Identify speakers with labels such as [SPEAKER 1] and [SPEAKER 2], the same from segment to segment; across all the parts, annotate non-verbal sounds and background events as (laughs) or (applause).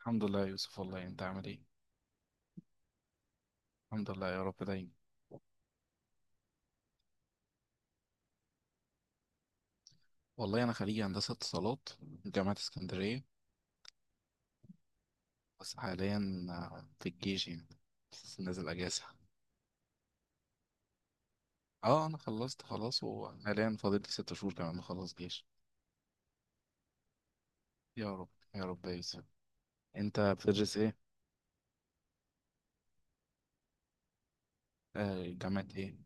[SPEAKER 1] الحمد لله يا يوسف. والله انت عامل ايه؟ الحمد لله يا رب دايما. والله انا خريج هندسه اتصالات من جامعه اسكندريه. بس حاليا في الجيش يعني. بس نازل اجازه. اه انا خلصت خلاص وحاليا فاضل لي 6 شهور كمان اخلص جيش. يا رب. يا رب يا يوسف. انت بتدرس ايه؟ جامعه ايه؟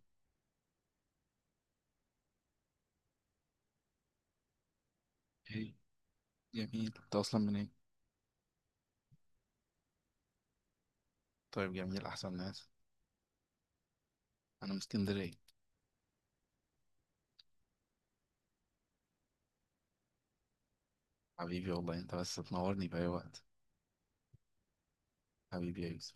[SPEAKER 1] ايه، جميل. انت اصلا من ايه؟ طيب، جميل، احسن ناس. انا من اسكندريه. حبيبي، والله انت بس تنورني في اي وقت. حبيبي يا يوسف.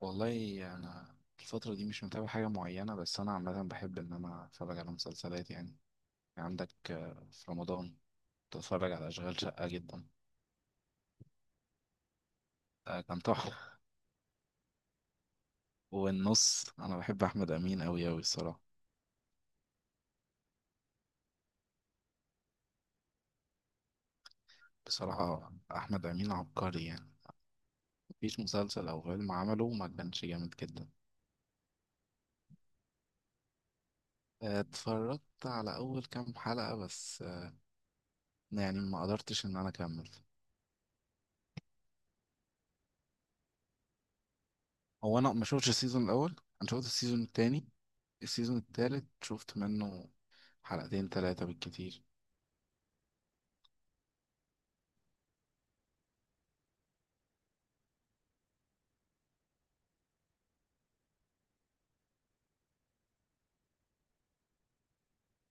[SPEAKER 1] والله انا، الفتره دي مش متابع حاجه معينه، بس انا عامه بحب ان انا اتفرج على مسلسلات يعني. عندك في رمضان بتفرج على اشغال شقه جدا. ده كان تحفه. والنص انا بحب احمد امين أوي أوي الصراحه. بصراحه، احمد امين عبقري يعني. مفيش مسلسل او فيلم عمله ما كانش جامد جدا. اتفرجت على اول كام حلقه بس، يعني ما قدرتش ان انا اكمل. هو انا ما شفتش السيزون الاول. انا شفت السيزون التاني. السيزون التالت شفت منه حلقتين تلاتة بالكتير.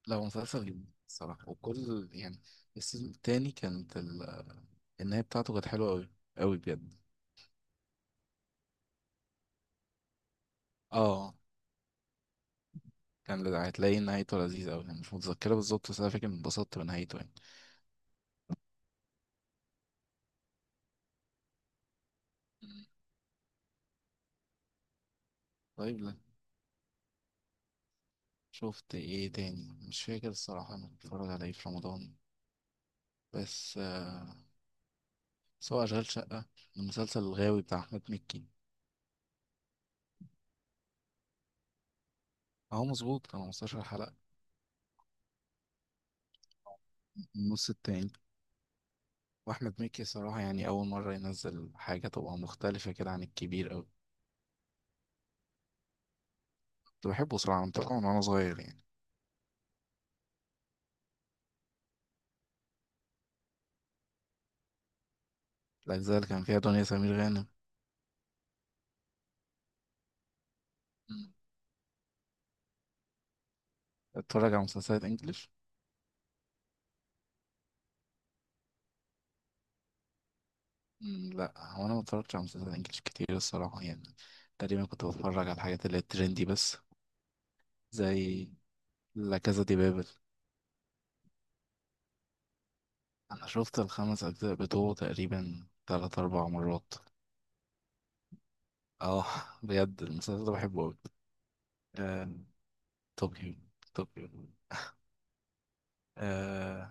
[SPEAKER 1] لا هو مسلسل جميل الصراحة. وكل يعني، السيزون التاني كانت النهاية بتاعته كانت حلوة أوي. أوي بجد. اه، هتلاقي نهايته لذيذة أوي يعني. مش متذكرة بالظبط بس أنا فاكر إني اتبسطت بنهايته يعني. مم. طيب، لا. شفت إيه تاني؟ مش فاكر الصراحة، أنا بتفرج على إيه في رمضان. بس سواء أشغال شقة، المسلسل الغاوي بتاع أحمد مكي. أهو مظبوط، كانوا 15 حلقة. النص التاني. واحمد مكي صراحة يعني أول مرة ينزل حاجة تبقى مختلفة كده عن الكبير أوي. كنت بحبه صراحة من طبعا وأنا صغير يعني. الأجزاء اللي كان فيها دنيا سمير غانم. مم. اتفرج على مسلسلات إنجليش. مم، لأ. هو أنا ما اتفرجتش على مسلسلات إنجليش كتير الصراحة يعني. تقريبا كنت بتفرج على الحاجات اللي هي ترندي بس. زي، لا كازا دي بابل. أنا شفت الخمس أجزاء بتوعه تقريبا تلات أربع مرات. اه (laughs) بجد المسلسل ده بحبه أوي. آه، طوكيو. طوكيو. آه،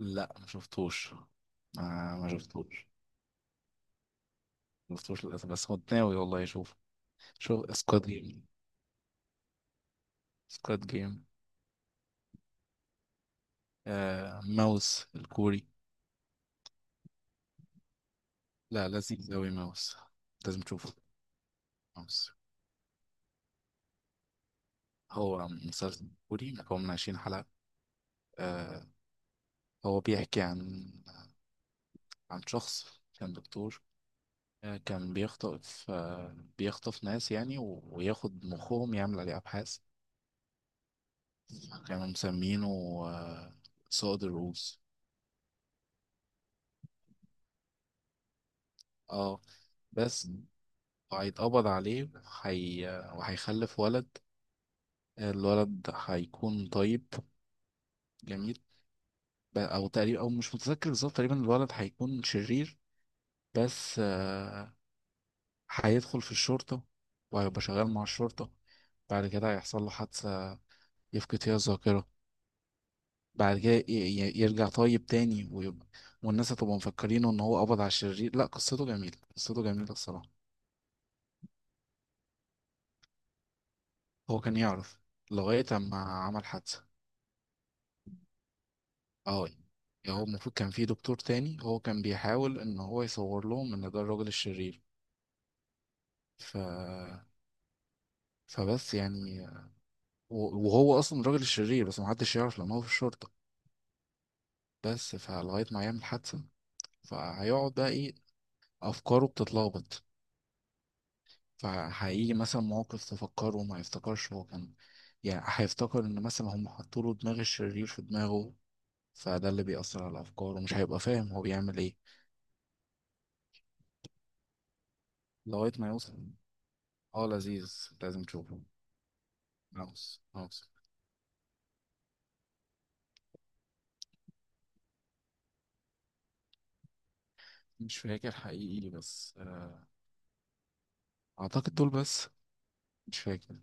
[SPEAKER 1] لا ما شفتوش. ما شفتوش. ما شفتوش للأسف بس كنت ناوي والله أشوف. شوف سكواد جيم. سكواد جيم. آه، ماوس الكوري. لا لذيذ أوي ماوس. لازم تشوفه. ماوس. هو مسلسل كوري مكون من 20 حلقة. آه، هو بيحكي عن، عن شخص كان دكتور. كان بيخطف، بيخطف ناس يعني، وياخد مخهم يعمل عليه أبحاث. كانوا مسمينه آه سود الروس. اه. بس وهيتقبض عليه، وهي، وهيخلف ولد. الولد هيكون طيب جميل. او تقريبا، او مش متذكر بالظبط، تقريبا الولد هيكون شرير. بس هيدخل في الشرطة وهيبقى شغال مع الشرطة. بعد كده هيحصل له حادثة يفقد فيها الذاكرة. بعد كده يرجع طيب تاني ويبقى، والناس هتبقى مفكرينه ان هو قبض على الشرير. لا قصته جميلة، قصته جميلة الصراحة. هو كان يعرف لغاية اما عمل حادثة. اه. يعني هو المفروض كان في دكتور تاني هو كان بيحاول ان هو يصور لهم ان ده الراجل الشرير. ف فبس يعني. وهو اصلا الراجل الشرير بس محدش يعرف لان هو في الشرطة. بس فلغاية ما يعمل حادثة. فهيقعد بقى ايه، افكاره بتتلخبط. فهيجي مثلا مواقف تفكره وما يفتكرش هو كان، يعني هيفتكر ان مثلا هم حطوا له دماغ الشرير في دماغه. فده اللي بيأثر على افكاره، مش هيبقى فاهم هو بيعمل ايه. لغاية ما يوصل. اه لذيذ، لازم تشوفه. هاوس. هاوس. مش فاكر حقيقي بس اعتقد دول بس. مش فاكر.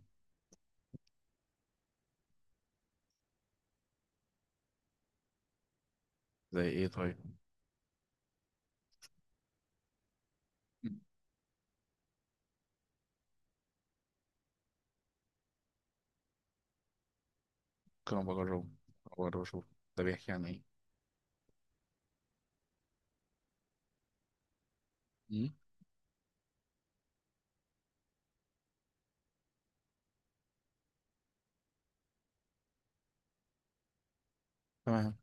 [SPEAKER 1] زي ايه طيب؟ ممكن ابقى اجربه، أبقى اجرب اشوف. ده بيحكي عن ايه؟ مم. تمام.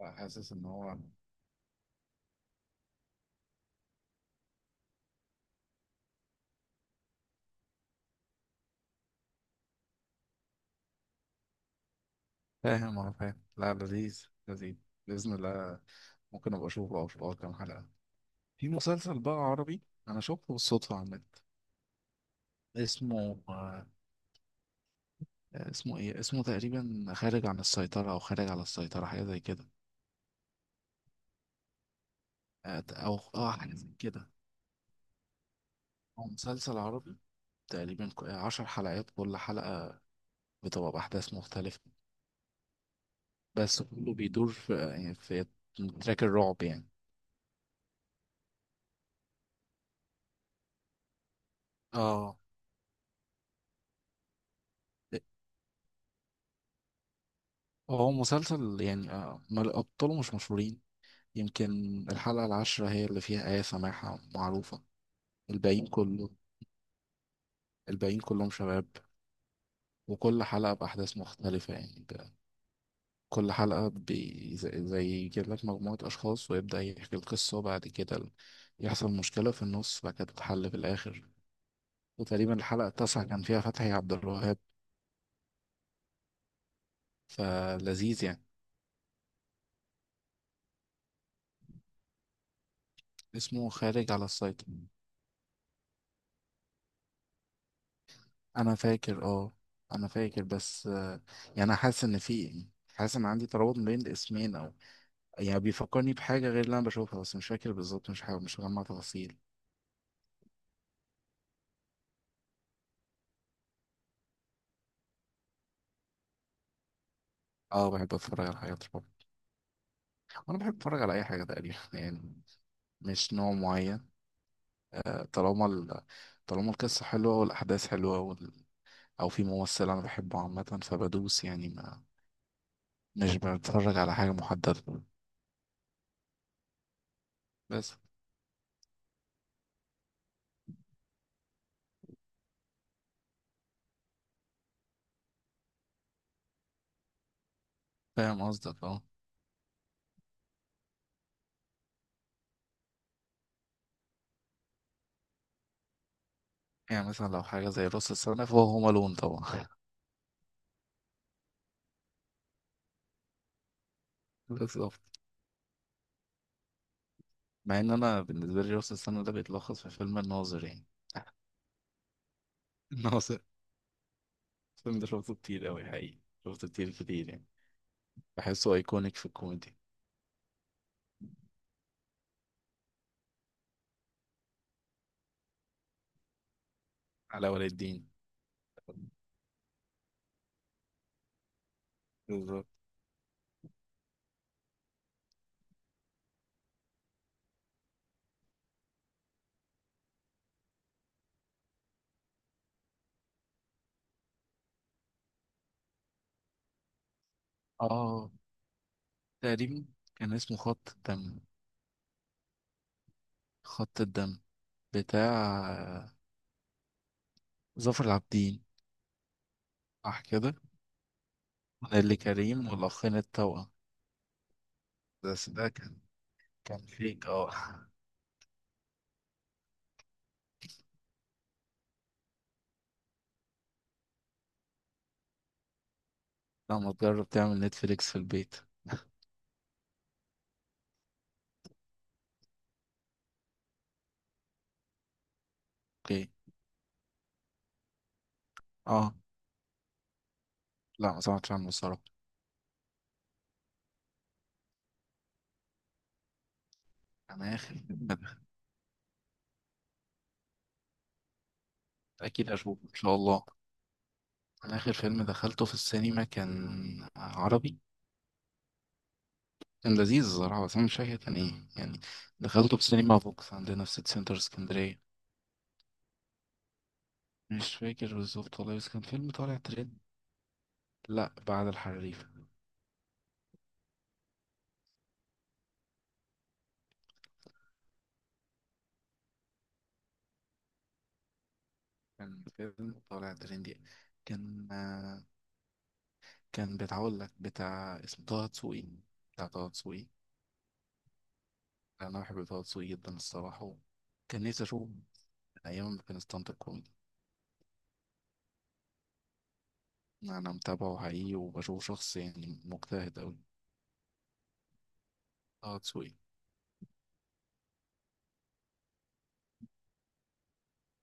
[SPEAKER 1] لا، حاسس ان هو، فاهم اه فاهم. لا لذيذ لذيذ. باذن الله، ممكن ابقى اشوفه او اشوف أول كام حلقه. في مسلسل بقى عربي انا شفته بالصدفه على النت. اسمه اسمه ايه، اسمه تقريبا خارج عن السيطره او خارج على السيطره، حاجه زي كده. او اه حاجه زي كده. هو مسلسل عربي، تقريبا 10 حلقات. كل حلقة بتبقى بأحداث مختلفة. بس كله بيدور في يعني في تراك الرعب يعني. اه. هو مسلسل يعني أبطاله مش مشهورين. يمكن الحلقة العاشرة هي اللي فيها آية سماحة معروفة. الباقيين كله، الباقيين كلهم شباب. وكل حلقة بأحداث مختلفة يعني كل حلقة بي زي يجيب لك مجموعة أشخاص ويبدأ يحكي القصة. وبعد كده يحصل مشكلة في النص، بعد كده تتحل في الآخر. وتقريبا الحلقة التاسعة كان فيها فتحي عبد الوهاب. فلذيذ يعني. اسمه خارج على السيطرة. أنا فاكر، اه. أنا فاكر بس يعني أنا حاسس إن في، حاسس إن عندي ترابط بين الاسمين، أو يعني بيفكرني بحاجة غير اللي أنا بشوفها، بس مش فاكر بالظبط، مش حاجة، مش مجمع تفاصيل. اه بحب أتفرج على حاجات رعب. وأنا بحب أتفرج على أي حاجة تقريبا (laughs) يعني. مش نوع معين. طالما ال، طالما القصة حلوة والأحداث حلوة وال، أو في ممثل أنا بحبه، عامة فبدوس يعني ما. مش بنتفرج على حاجة محددة. بس فاهم قصدك اه. يعني مثلا لو حاجة زي راس السنة فهو هوم ألون طبعا. (laughs) بالظبط. مع إن أنا بالنسبة لي راس السنة ده بيتلخص في فيلم الناظر يعني. (laughs) الناظر. الفيلم ده شفته كتير أوي حقيقي. شفته كتير كتير يعني. بحسه أيكونيك في الكوميدي. علاء ولي الدين. بالظبط. اه تقريبا. كان اسمه خط الدم. خط الدم، بتاع ظافر العابدين. صح كده. نيللي كريم والأخين التوأم. بس ده كان فيك اه. (laughs) لما تجرب تعمل نتفليكس في البيت. اوكي. اه. لا ما سمعتش عنه الصراحة. انا اخر فيلم دخل. اكيد اشوفه ان شاء الله. انا اخر فيلم دخلته في السينما كان عربي، كان لذيذ الصراحة بس انا مش فاكر كان ايه يعني. دخلته في السينما فوكس عندنا في سيتي سنتر اسكندرية. مش فاكر بالظبط والله بس كان فيلم طالع ترند. لا بعد الحريف. كان فيلم طالع ترند يعني. كان آه، كان بتاع- اقول لك بتاع اسمه طه دسوقي. بتاع طه دسوقي. انا بحب طه دسوقي جدا الصراحه. كان نفسي اشوفه من ايام ما كان ستاند اب كوميدي. انا متابعه حقيقي وبشوفه شخص يعني مجتهد اوي. طه دسوقي.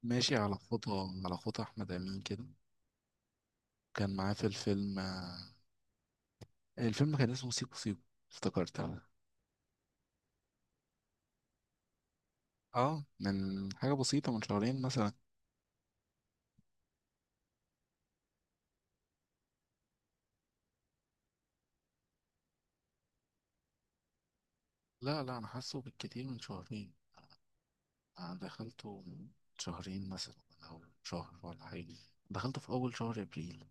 [SPEAKER 1] ماشي على خطى، على خطى احمد امين كده. كان معاه في الفيلم، الفيلم كان اسمه سيكو سيكو. افتكرت انا. اه من حاجه بسيطه، من شهرين مثلا. لا لا انا حاسه بالكتير من شهرين. انا دخلته من شهرين مثلا او شهر ولا حاجه. دخلته في اول شهر ابريل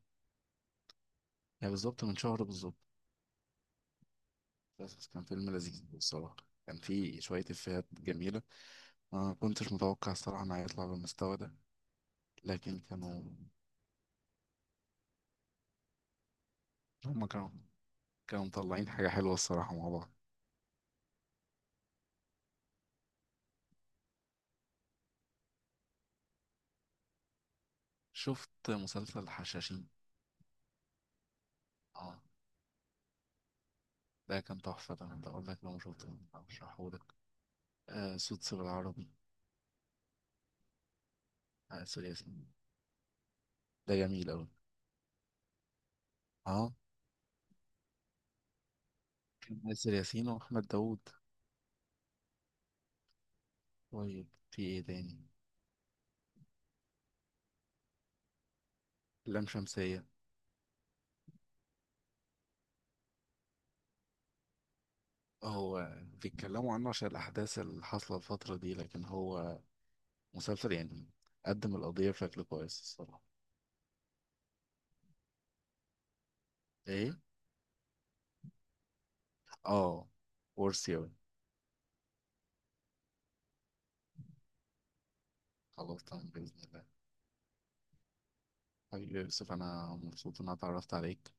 [SPEAKER 1] يعني بالظبط من شهر بالظبط. بس كان فيلم لذيذ بصراحة. كان فيه شوية إفيهات جميلة. أنا ما كنتش متوقع الصراحة إنه هيطلع بالمستوى ده. لكن كانوا، هما كانوا مطلعين حاجة حلوة الصراحة مع بعض. شفت مسلسل الحشاشين. اه. ده كان تحفة، ده أنا بقول لك لو ما شفته هشرحهولك. آه سوتس بالعربي. آه آسر ياسين. ده جميل أوي. اه كان آسر ياسين وأحمد داوود. طيب في إيه تاني؟ لام شمسية. هو بيتكلموا عنه عشان الأحداث اللي حاصلة الفترة دي، لكن هو مسلسل يعني قدم القضية بشكل كويس الصراحة. ايه. اه. ورثي اوي. خلاص تمام بإذن الله. حبيبي يا يوسف، أنا مبسوط إن أنا اتعرفت عليك.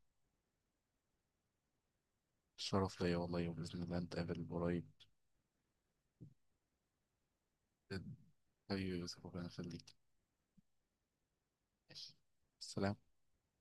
[SPEAKER 1] الشرف ليا والله، وبإذن الله نتقابل قريب. حبيبي يا يوسف، ربنا يخليك. ماشي. السلام.